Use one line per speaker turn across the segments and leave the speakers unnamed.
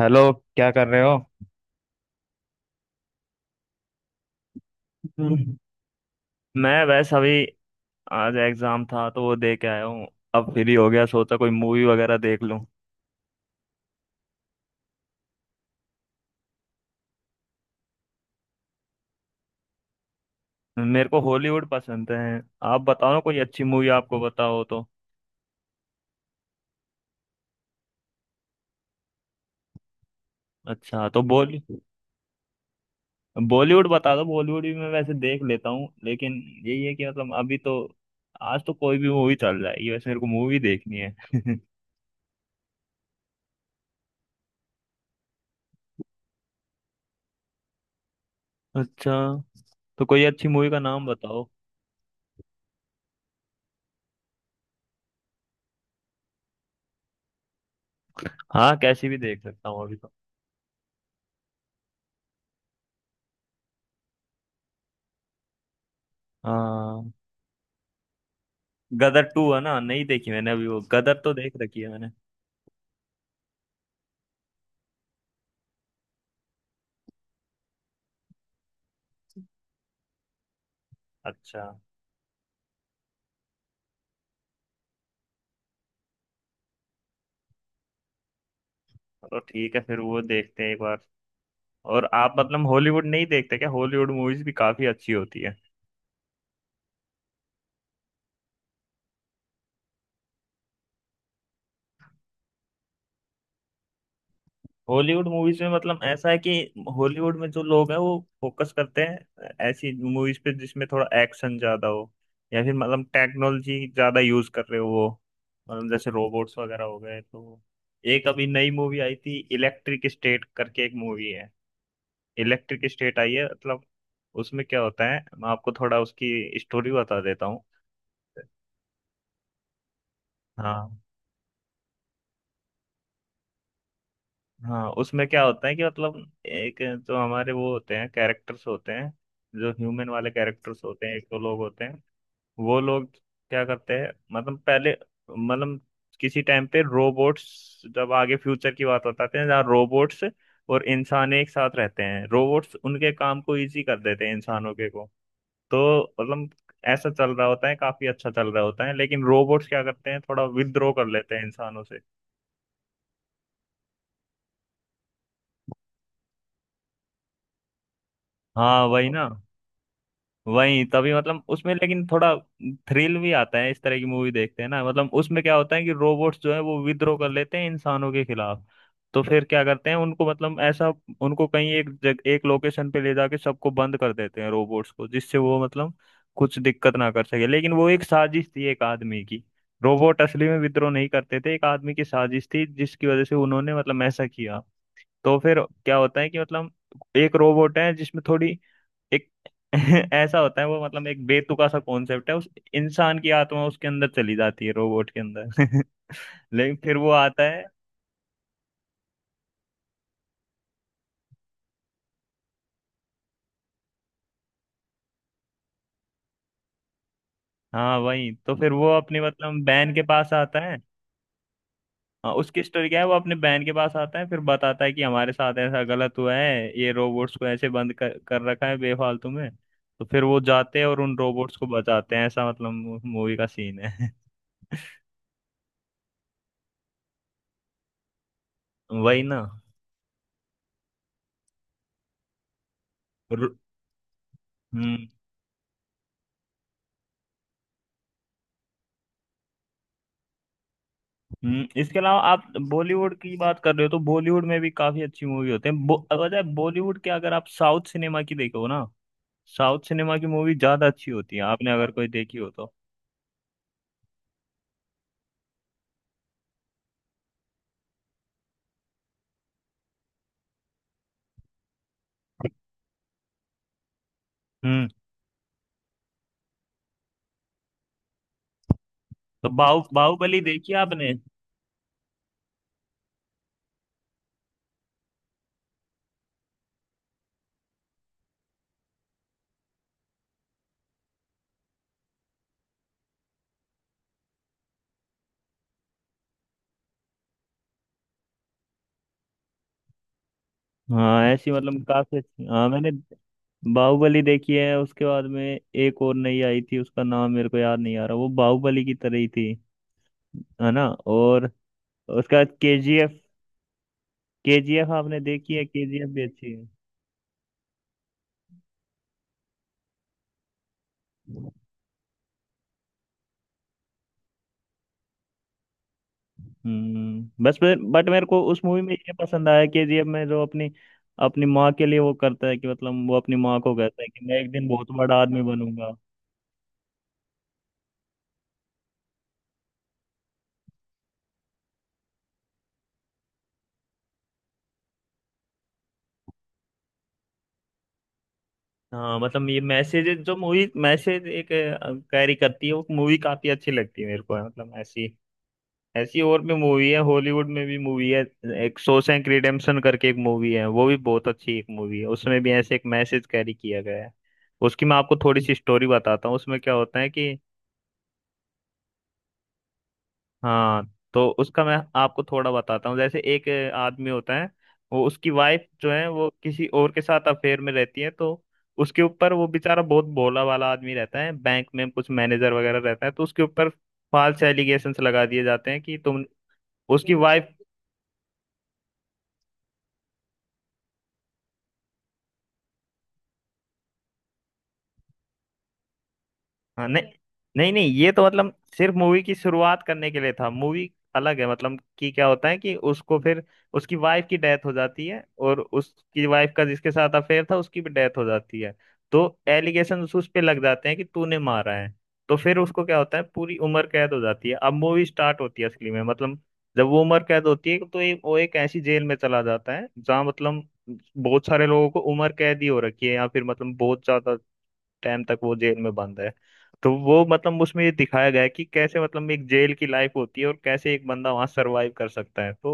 Hello. क्या कर रहे हो? हम्म। मैं बस अभी, आज एग्जाम था तो वो दे के आया हूँ। अब फ्री हो गया, सोचा कोई मूवी वगैरह देख लूँ। मेरे को हॉलीवुड पसंद है। आप बताओ ना कोई अच्छी मूवी, आपको बताओ तो। अच्छा, तो बॉलीवुड बता दो। बॉलीवुड भी मैं वैसे देख लेता हूँ, लेकिन यही है कि मतलब अभी तो, आज तो कोई भी मूवी चल जाएगी, वैसे मेरे को मूवी देखनी है। अच्छा, तो कोई अच्छी मूवी का नाम बताओ। हाँ, कैसी भी देख सकता हूँ अभी तो। हाँ, गदर टू है ना? नहीं देखी मैंने अभी, वो गदर तो देख रखी है मैंने। अच्छा, तो ठीक है फिर वो देखते हैं एक बार। और आप मतलब हॉलीवुड नहीं देखते क्या? हॉलीवुड मूवीज भी काफी अच्छी होती है। हॉलीवुड मूवीज में मतलब ऐसा है कि हॉलीवुड में जो लोग हैं वो फोकस करते हैं ऐसी मूवीज पे जिसमें थोड़ा एक्शन ज्यादा हो, या फिर मतलब टेक्नोलॉजी ज्यादा यूज कर रहे हो वो, मतलब जैसे रोबोट्स वगैरह हो गए तो। एक अभी नई मूवी आई थी, इलेक्ट्रिक स्टेट करके एक मूवी है। इलेक्ट्रिक स्टेट आई है, मतलब उसमें क्या होता है, मैं आपको थोड़ा उसकी स्टोरी बता देता हूँ। हाँ। हाँ, उसमें क्या होता है कि मतलब, एक तो हमारे वो होते हैं, कैरेक्टर्स होते हैं, जो ह्यूमन वाले कैरेक्टर्स होते हैं, एक तो लोग होते हैं। वो लोग क्या करते हैं, मतलब पहले मतलब किसी टाइम पे, रोबोट्स, जब आगे फ्यूचर की बात बताते हैं जहाँ रोबोट्स और इंसान एक साथ रहते हैं, रोबोट्स उनके काम को इजी कर देते हैं, इंसानों के को। तो मतलब ऐसा चल रहा होता है, काफी अच्छा चल रहा होता है, लेकिन रोबोट्स क्या करते हैं, थोड़ा विद्रोह कर लेते हैं इंसानों से। हाँ, वही ना। वही तभी मतलब उसमें, लेकिन थोड़ा थ्रिल भी आता है। इस तरह की मूवी देखते हैं ना, मतलब उसमें क्या होता है कि रोबोट्स जो है वो विद्रोह कर लेते हैं इंसानों के खिलाफ। तो फिर क्या करते हैं उनको, मतलब ऐसा, उनको कहीं एक लोकेशन पे ले जाके सबको बंद कर देते हैं, रोबोट्स को, जिससे वो मतलब कुछ दिक्कत ना कर सके। लेकिन वो एक साजिश थी, एक आदमी की। रोबोट असली में विद्रोह नहीं करते थे, एक आदमी की साजिश थी, जिसकी वजह से उन्होंने मतलब ऐसा किया। तो फिर क्या होता है कि मतलब, एक रोबोट है जिसमें थोड़ी, एक, ऐसा होता है वो, मतलब एक बेतुका सा कॉन्सेप्ट है। उस इंसान की आत्मा उसके अंदर चली जाती है, रोबोट के अंदर। लेकिन फिर वो आता है। हाँ, वही, तो फिर वो अपने मतलब बहन के पास आता है। हाँ, उसकी स्टोरी क्या है, वो अपने बहन के पास आता है, फिर बताता है कि हमारे साथ ऐसा गलत हुआ है, ये रोबोट्स को ऐसे बंद कर रखा है बेफालतू में। तो फिर वो जाते हैं और उन रोबोट्स को बचाते हैं, ऐसा मतलब मूवी का सीन है। वही ना। रो- हम्म इसके अलावा, आप बॉलीवुड की बात कर रहे हो तो बॉलीवुड में भी काफी अच्छी मूवी होते हैं, अगर बॉलीवुड के अगर आप साउथ सिनेमा की देखो ना। साउथ सिनेमा की मूवी ज्यादा अच्छी होती है, आपने अगर कोई देखी हो तो। हम्म तो बाहुबली देखी है आपने? हाँ, ऐसी मतलब काफी अच्छी। हाँ, मैंने बाहुबली देखी है, उसके बाद में एक और नई आई थी, उसका नाम मेरे को याद नहीं आ रहा, वो बाहुबली की तरह ही थी, है ना? और उसके बाद केजीएफ। केजीएफ आपने देखी है? केजीएफ भी अच्छी है। बस, बट मेरे को उस मूवी में ये पसंद आया, केजीएफ में, जो अपनी, अपनी माँ के लिए वो करता है, कि मतलब वो अपनी माँ को कहता है कि मैं एक दिन बहुत बड़ा आदमी बनूंगा। हाँ, मतलब ये मैसेज जो मूवी मैसेज एक कैरी करती है, वो मूवी काफी अच्छी लगती है मेरे को, मतलब ऐसी, ऐसी और भी मूवी है, हॉलीवुड में भी मूवी है। एक शॉशैंक रिडेम्पशन करके एक मूवी है, वो भी बहुत अच्छी एक मूवी है, उसमें भी ऐसे एक मैसेज कैरी किया गया है। उसकी मैं आपको थोड़ी सी स्टोरी बताता हूँ, उसमें क्या होता है कि, हाँ, तो उसका मैं आपको थोड़ा बताता हूँ। जैसे एक आदमी होता है। वो, उसकी वाइफ जो है वो किसी और के साथ अफेयर में रहती है। तो उसके ऊपर, वो बेचारा बहुत भोला वाला आदमी रहता है, बैंक में कुछ मैनेजर वगैरह रहता है, तो उसके ऊपर फाल्स एलिगेशंस लगा दिए जाते हैं कि तुम, उसकी वाइफ। हाँ, नहीं नहीं, नहीं ये तो मतलब सिर्फ मूवी की शुरुआत करने के लिए था। मूवी अलग है, मतलब कि क्या होता है कि उसको फिर, उसकी वाइफ की डेथ हो जाती है, और उसकी वाइफ का जिसके साथ अफेयर था उसकी भी डेथ हो जाती है। तो एलिगेशन उस पे लग जाते हैं कि तूने मारा है। तो फिर उसको क्या होता है, पूरी उम्र कैद हो जाती है। अब मूवी स्टार्ट होती है असली में, मतलब, जब वो उम्र कैद होती है तो, एक वो एक ऐसी जेल में चला जाता है जहाँ मतलब बहुत सारे लोगों को उम्र कैद ही हो रखी है, या फिर मतलब बहुत ज्यादा टाइम तक वो जेल में बंद है। तो वो मतलब उसमें ये दिखाया गया है कि कैसे मतलब एक जेल की लाइफ होती है, और कैसे एक बंदा वहां सरवाइव कर सकता है। तो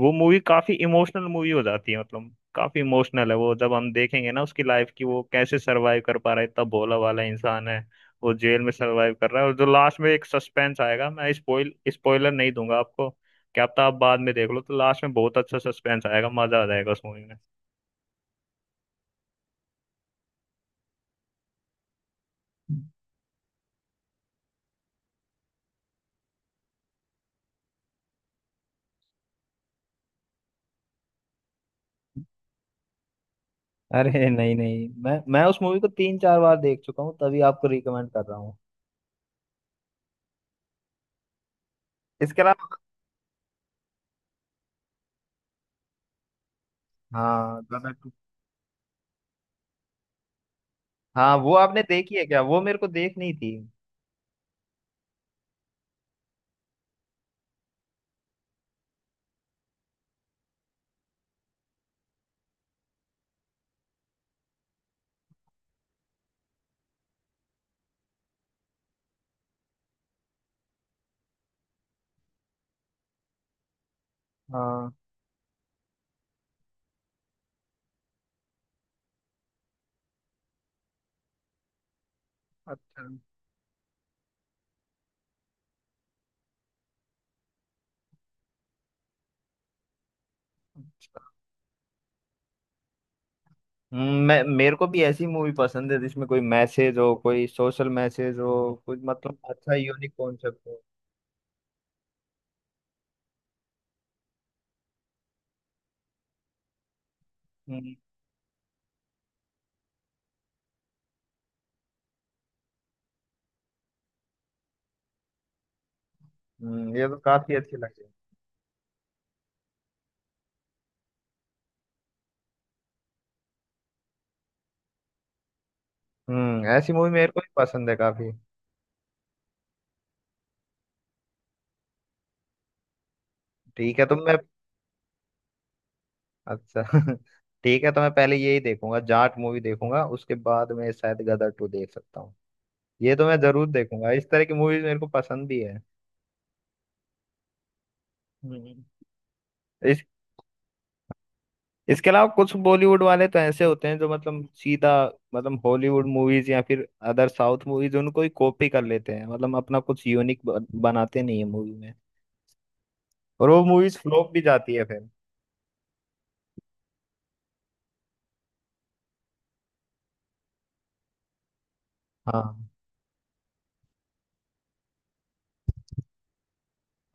वो मूवी काफी इमोशनल मूवी हो जाती है, मतलब काफी इमोशनल है वो, जब हम देखेंगे ना, उसकी लाइफ की वो कैसे सरवाइव कर पा रहा है, इतना भोला वाला इंसान है वो, जेल में सरवाइव कर रहा है। और जो लास्ट में एक सस्पेंस आएगा, मैं स्पॉइलर नहीं दूंगा आपको। क्या पता आप बाद में देख लो, तो लास्ट में बहुत अच्छा सस्पेंस आएगा, मजा आ जाएगा उस मूवी में। अरे नहीं नहीं, मैं उस मूवी को तीन चार बार देख चुका हूँ, तभी आपको रिकमेंड कर रहा हूँ। इसके अलावा, हाँ दादा टू। हाँ, वो आपने देखी है क्या? वो मेरे को देखनी थी। हाँ। अच्छा। अच्छा। मैं मेरे को भी ऐसी मूवी पसंद है जिसमें कोई मैसेज हो, कोई सोशल मैसेज हो, कुछ मतलब अच्छा यूनिक कॉन्सेप्ट हो। हम्म ये तो काफी अच्छी लगी। ऐसी मूवी मेरे को भी पसंद है काफी। ठीक है तो मैं अच्छा। ठीक है, तो मैं पहले यही देखूंगा, जाट मूवी देखूंगा, उसके बाद मैं शायद गदर टू देख सकता हूँ। ये तो मैं जरूर देखूंगा, इस तरह की मूवीज मेरे को पसंद भी है। हम्म। इस इसके अलावा कुछ बॉलीवुड वाले तो ऐसे होते हैं जो मतलब सीधा, मतलब हॉलीवुड मूवीज या फिर अदर साउथ मूवीज उनको ही कॉपी कर लेते हैं, मतलब अपना कुछ यूनिक बनाते नहीं है मूवी में। और वो मूवीज फ्लॉप भी जाती है फिर। हाँ।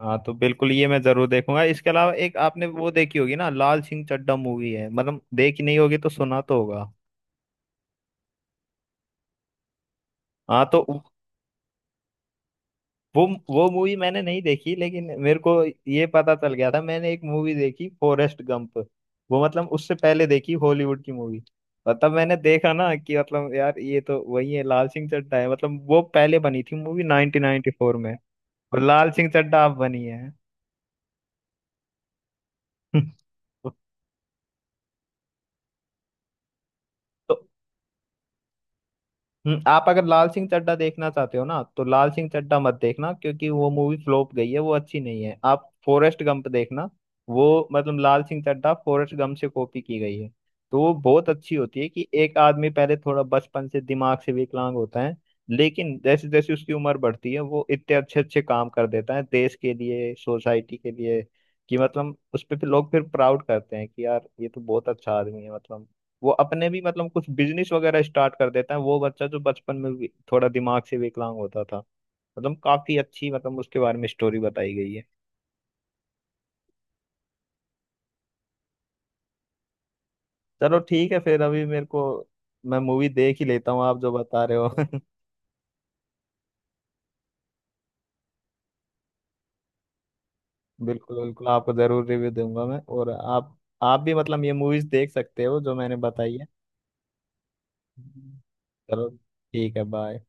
हाँ, तो बिल्कुल ये मैं जरूर देखूंगा। इसके अलावा एक, आपने वो देखी होगी ना, लाल सिंह चड्ढा मूवी है, मतलब देखी नहीं होगी तो सुना तो होगा। हाँ, तो वो वो मूवी मैंने नहीं देखी, लेकिन मेरे को ये पता चल गया था। मैंने एक मूवी देखी, फॉरेस्ट गंप, वो मतलब उससे पहले देखी, हॉलीवुड की मूवी। और तब मैंने देखा ना कि मतलब यार ये तो वही है, लाल सिंह चड्ढा है, मतलब वो पहले बनी थी मूवी 1994 में। और लाल सिंह चड्ढा अब बनी है। तो आप अगर लाल सिंह चड्ढा देखना चाहते हो ना, तो लाल सिंह चड्ढा मत देखना, क्योंकि वो मूवी फ्लॉप गई है, वो अच्छी नहीं है, आप फॉरेस्ट गंप देखना। वो मतलब लाल सिंह चड्ढा फॉरेस्ट गंप से कॉपी की गई है। तो वो बहुत अच्छी होती है कि एक आदमी पहले थोड़ा बचपन से दिमाग से विकलांग होता है। लेकिन जैसे जैसे उसकी उम्र बढ़ती है, वो इतने अच्छे अच्छे काम कर देता है, देश के लिए, सोसाइटी के लिए, कि मतलब उस पर फिर लोग फिर प्राउड करते हैं कि यार ये तो बहुत अच्छा आदमी है। मतलब वो अपने भी मतलब कुछ बिजनेस वगैरह स्टार्ट कर देता है, वो बच्चा जो बचपन में भी थोड़ा दिमाग से विकलांग होता था। मतलब काफी अच्छी, मतलब उसके बारे में स्टोरी बताई गई है। चलो, ठीक है फिर, अभी मेरे को मैं मूवी देख ही लेता हूँ, आप जो बता रहे हो। बिल्कुल बिल्कुल, आपको जरूर रिव्यू दूंगा मैं, और आप भी मतलब ये मूवीज देख सकते हो जो मैंने बताई है। हम्म। चलो, ठीक है, बाय।